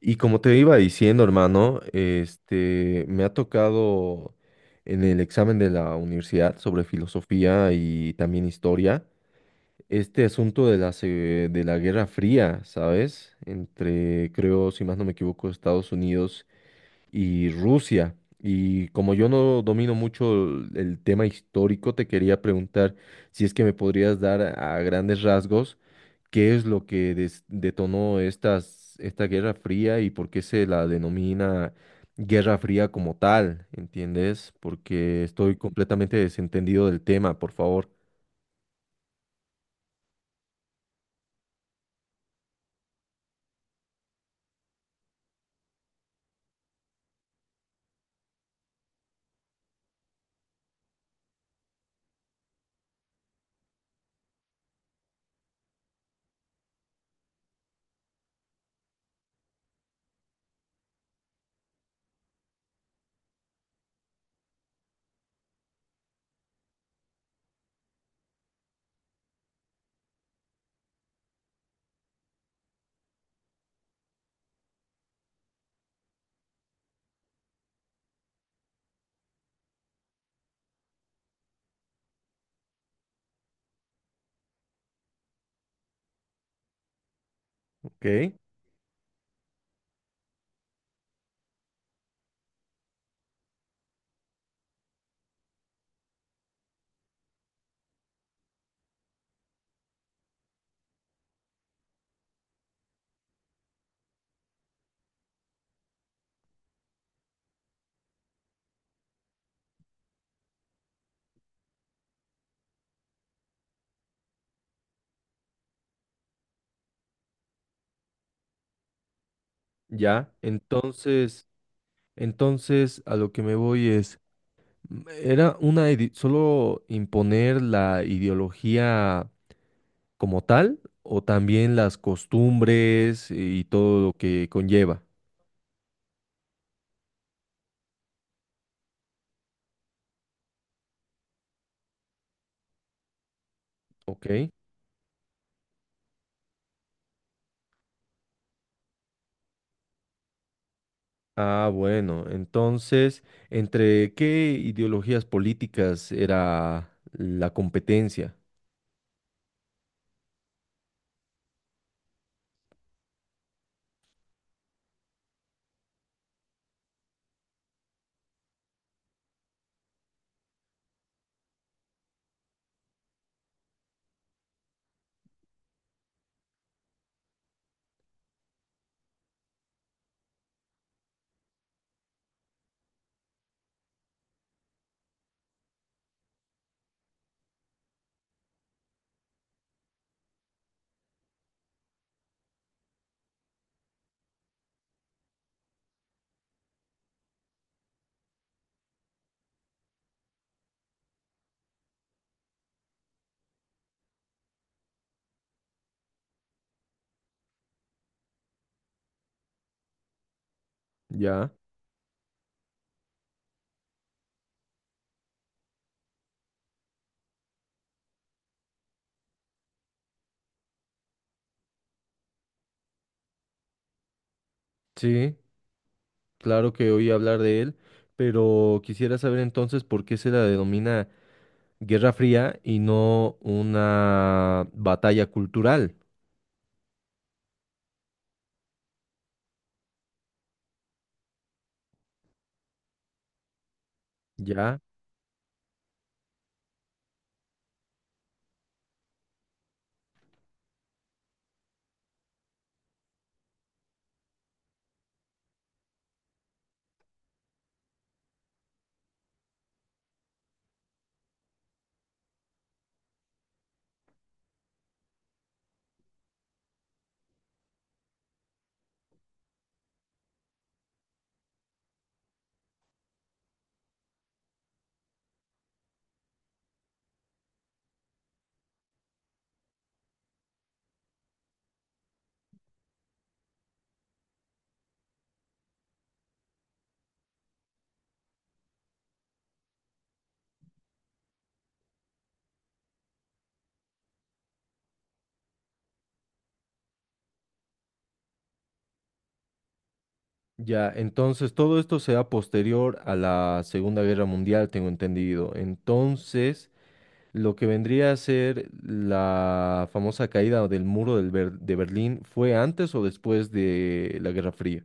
Y como te iba diciendo, hermano, me ha tocado en el examen de la universidad sobre filosofía y también historia, este asunto de de la Guerra Fría, ¿sabes? Entre, creo, si más no me equivoco, Estados Unidos y Rusia. Y como yo no domino mucho el tema histórico, te quería preguntar si es que me podrías dar a grandes rasgos qué es lo que detonó esta Guerra Fría y por qué se la denomina Guerra Fría como tal, ¿entiendes? Porque estoy completamente desentendido del tema, por favor. ¿Ok? Ya, entonces, entonces a lo que me voy es, ¿era una solo imponer la ideología como tal o también las costumbres y todo lo que conlleva? ¿Ok? Ah, bueno, entonces, ¿entre qué ideologías políticas era la competencia? Ya, sí, claro que oí hablar de él, pero quisiera saber entonces por qué se la denomina Guerra Fría y no una batalla cultural. Ya, ya, entonces todo esto sea posterior a la Segunda Guerra Mundial, tengo entendido. Entonces... lo que vendría a ser la famosa caída del muro de Berlín fue antes o después de la Guerra Fría.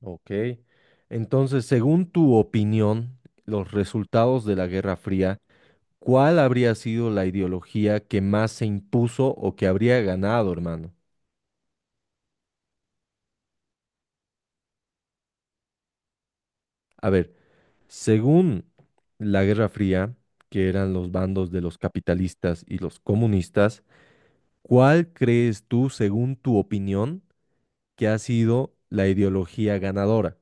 Ok. Entonces, según tu opinión, los resultados de la Guerra Fría, ¿cuál habría sido la ideología que más se impuso o que habría ganado, hermano? A ver, según la Guerra Fría, que eran los bandos de los capitalistas y los comunistas, ¿cuál crees tú, según tu opinión, que ha sido la ideología ganadora?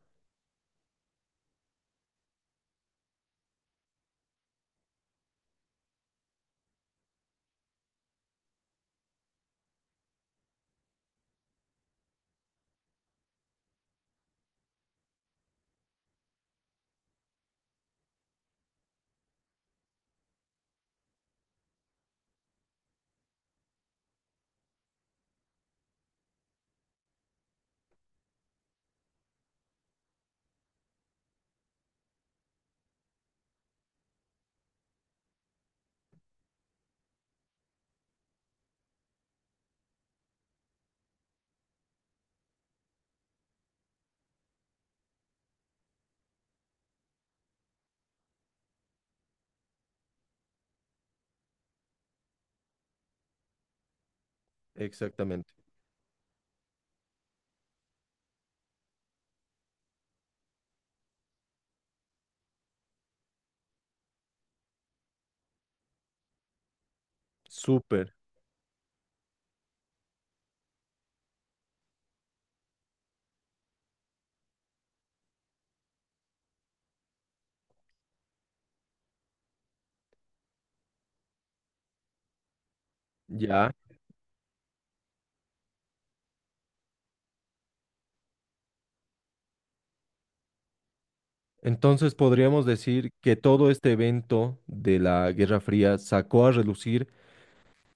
Exactamente. Súper, ya. Entonces podríamos decir que todo este evento de la Guerra Fría sacó a relucir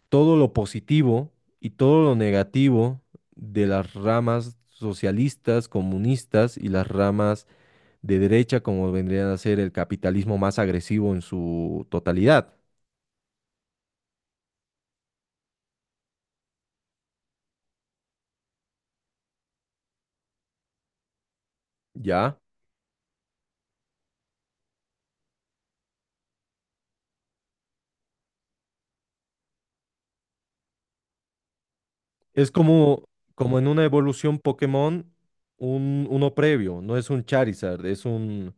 todo lo positivo y todo lo negativo de las ramas socialistas, comunistas y las ramas de derecha, como vendrían a ser el capitalismo más agresivo en su totalidad, ¿ya? Es como, como en una evolución Pokémon, uno previo, no es un Charizard, es un...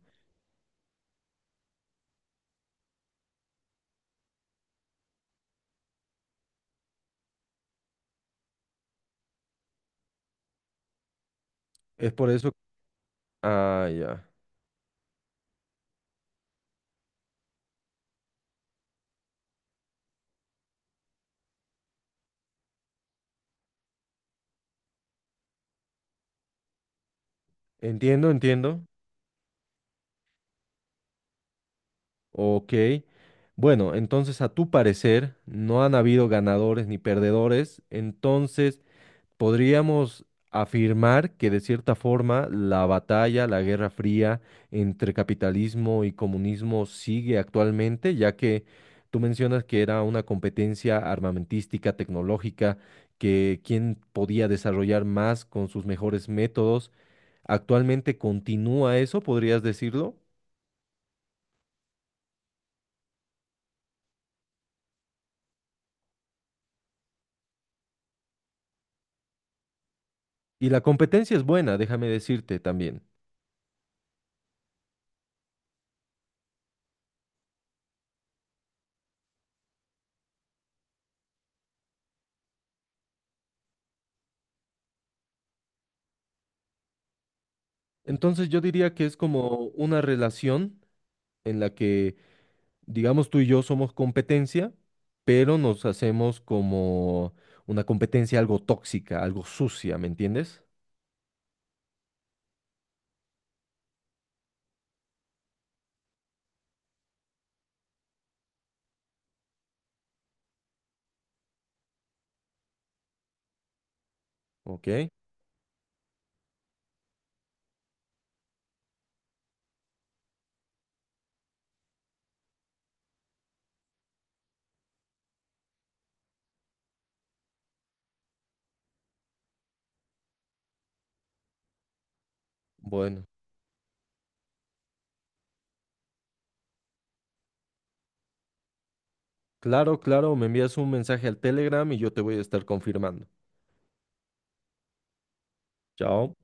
Es por eso... Ah, ya. Entiendo, entiendo. Ok. Bueno, entonces a tu parecer no han habido ganadores ni perdedores, entonces podríamos afirmar que de cierta forma la batalla, la Guerra Fría entre capitalismo y comunismo sigue actualmente, ya que tú mencionas que era una competencia armamentística, tecnológica, que quién podía desarrollar más con sus mejores métodos. Actualmente continúa eso, podrías decirlo. Y la competencia es buena, déjame decirte también. Entonces yo diría que es como una relación en la que digamos tú y yo somos competencia, pero nos hacemos como una competencia algo tóxica, algo sucia, ¿me entiendes? Ok, bueno, claro, claro, me envías un mensaje al Telegram y yo te voy a estar confirmando. Chao.